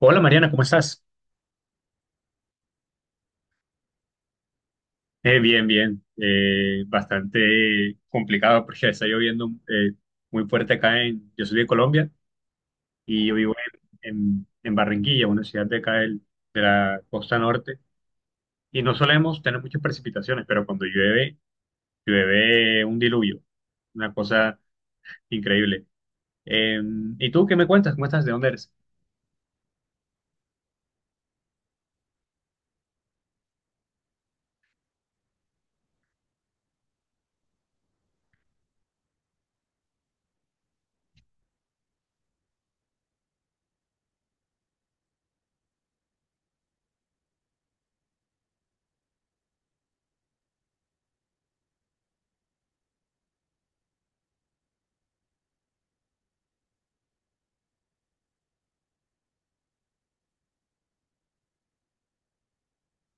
Hola Mariana, ¿cómo estás? Bien, bien. Bastante complicado porque está lloviendo muy fuerte acá en... Yo soy de Colombia y yo vivo en Barranquilla, una ciudad de acá de la costa norte. Y no solemos tener muchas precipitaciones, pero cuando llueve, llueve un diluvio. Una cosa increíble. Eh, ¿Y tú qué me cuentas? ¿Cómo estás? ¿De dónde eres?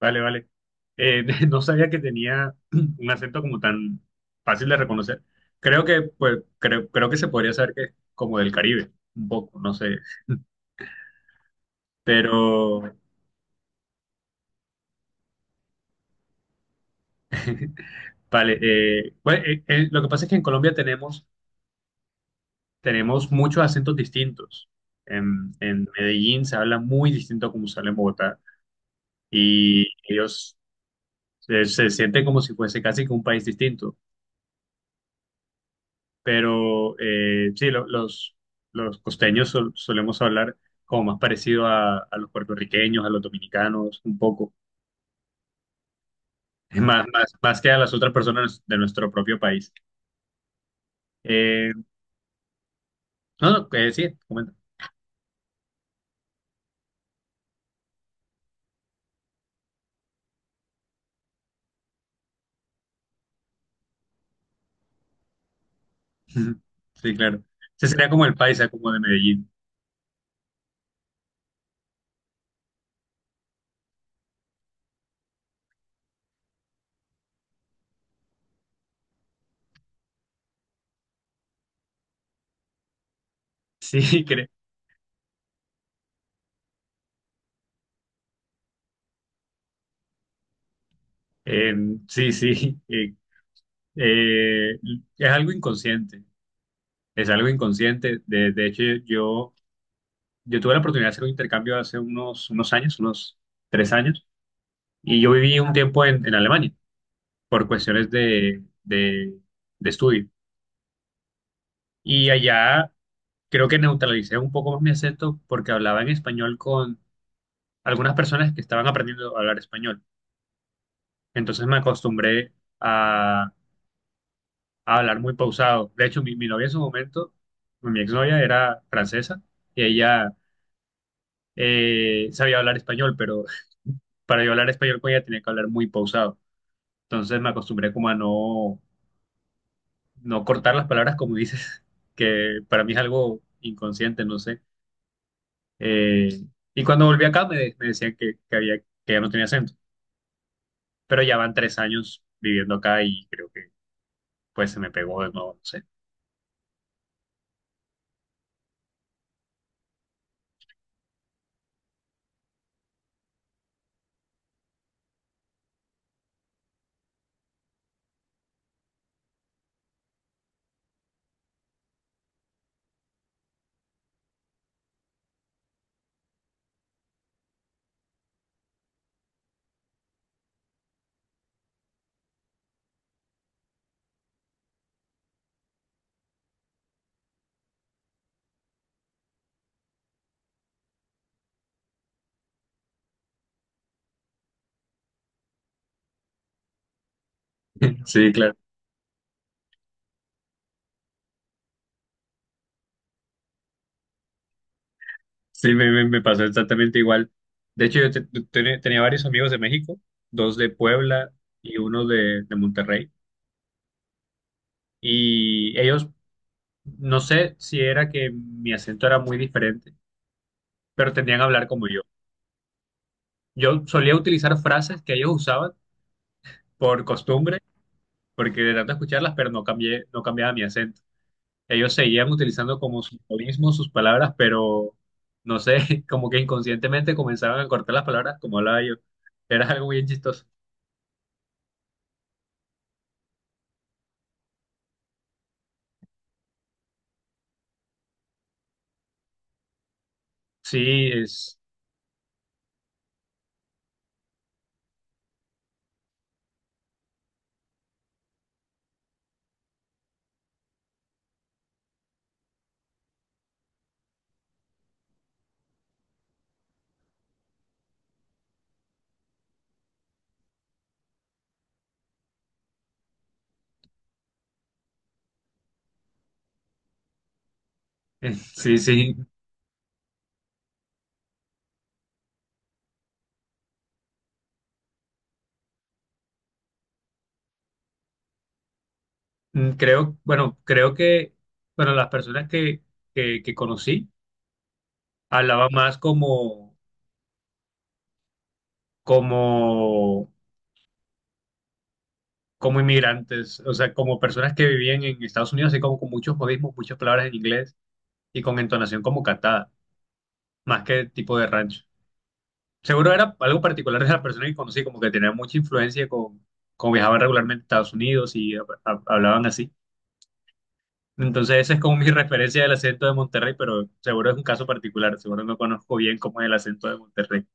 Vale, vale. No sabía que tenía un acento como tan fácil de reconocer. Creo que, pues, creo que se podría saber que es como del Caribe, un poco, no sé. Pero vale, bueno, lo que pasa es que en Colombia tenemos, tenemos muchos acentos distintos. En Medellín se habla muy distinto a como se habla en Bogotá y ellos se sienten como si fuese casi que un país distinto. Pero sí, los costeños solemos hablar como más parecido a los puertorriqueños, a los dominicanos, un poco, más, más, más que a las otras personas de nuestro propio país. Eh, no, no, sí, comenta. Sí, claro. Ese sería como el paisa, como de Medellín. Sí, eh, sí, sí. Eh, es algo inconsciente, es algo inconsciente. De hecho, yo tuve la oportunidad de hacer un intercambio hace unos, unos años, unos 3 años. Y yo viví un tiempo en Alemania por cuestiones de estudio. Y allá creo que neutralicé un poco más mi acento porque hablaba en español con algunas personas que estaban aprendiendo a hablar español. Entonces me acostumbré a, a hablar muy pausado. De hecho, mi novia en su momento, mi exnovia era francesa y ella sabía hablar español, pero para yo hablar español con ella tenía que hablar muy pausado. Entonces me acostumbré como a no cortar las palabras como dices, que para mí es algo inconsciente, no sé. Eh, y cuando volví acá me decían que había, que ya no tenía acento, pero ya van 3 años viviendo acá y creo que pues se me pegó de nuevo, no sé. Sí, claro. Sí, me pasó exactamente igual. De hecho, yo tenía varios amigos de México, dos de Puebla y uno de Monterrey. Y ellos, no sé si era que mi acento era muy diferente, pero tendían a hablar como yo. Yo solía utilizar frases que ellos usaban por costumbre, porque de tanto escucharlas, pero no cambiaba mi acento. Ellos seguían utilizando como sus modismos, sus palabras, pero no sé, como que inconscientemente comenzaban a cortar las palabras como hablaba yo. Era algo bien chistoso. Sí, es, sí, sí. Mm, creo, bueno, creo que, bueno, las personas que conocí hablaban más como, como como inmigrantes, o sea, como personas que vivían en Estados Unidos, así como con muchos modismos, muchas palabras en inglés y con entonación como cantada, más que tipo de rancho. Seguro era algo particular de la persona que conocí, como que tenía mucha influencia con viajaban regularmente a Estados Unidos y hablaban así. Entonces, esa es como mi referencia del acento de Monterrey, pero seguro es un caso particular, seguro no conozco bien cómo es el acento de Monterrey.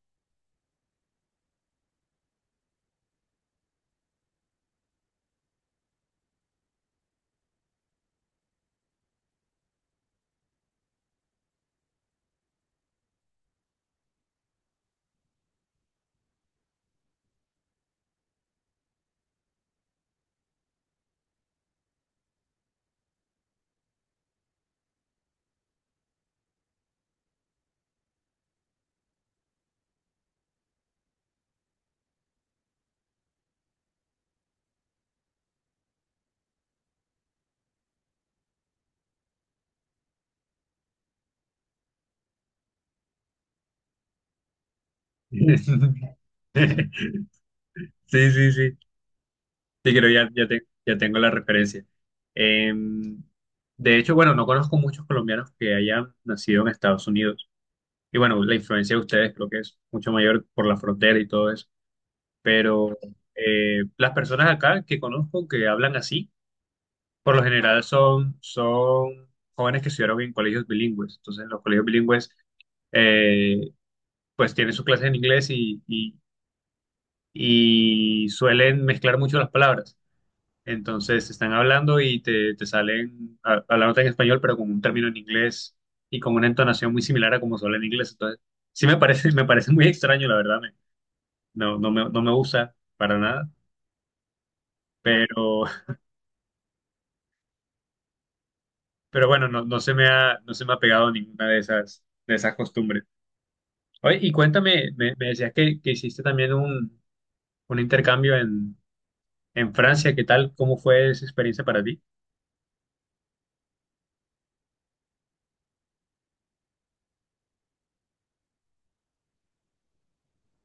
Sí, sí, sí. Sí, creo ya tengo la referencia. Em, de hecho, bueno, no conozco muchos colombianos que hayan nacido en Estados Unidos. Y bueno, la influencia de ustedes creo que es mucho mayor por la frontera y todo eso. Pero las personas acá que conozco que hablan así, por lo general son jóvenes que estudiaron en colegios bilingües. Entonces, los colegios bilingües eh, pues tienen sus clases en inglés y suelen mezclar mucho las palabras. Entonces están hablando y te salen hablándote en español, pero con un término en inglés y con una entonación muy similar a como se habla en inglés. Entonces, sí me parece, me parece muy extraño, la verdad. No, no me gusta para nada. Pero, pero bueno, no, no se me ha pegado ninguna de esas costumbres. Oye, y cuéntame, me decías que hiciste también un intercambio en Francia. ¿Qué tal? ¿Cómo fue esa experiencia para ti?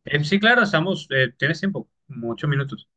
Sí, claro, estamos, tienes tiempo, como 8 minutos.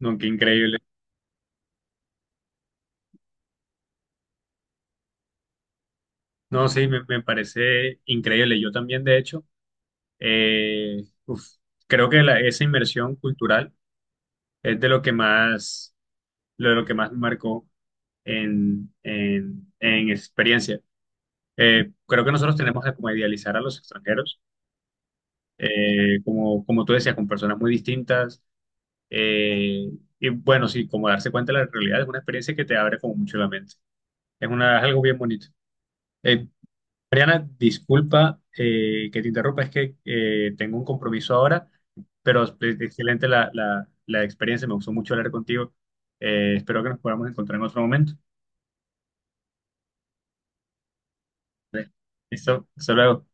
No, qué increíble. No, sí, me parece increíble. Yo también, de hecho, uf, creo que esa inmersión cultural es de lo que más, lo de lo que más me marcó en experiencia. Creo que nosotros tenemos que como idealizar a los extranjeros, como, como tú decías, con personas muy distintas. eh, y bueno, sí, como darse cuenta de la realidad es una experiencia que te abre como mucho la mente. Es una, es algo bien bonito. Eh, Mariana, disculpa que te interrumpa, es que tengo un compromiso ahora, pero excelente la, la experiencia, me gustó mucho hablar contigo. Espero que nos podamos encontrar en otro momento. Listo, hasta luego.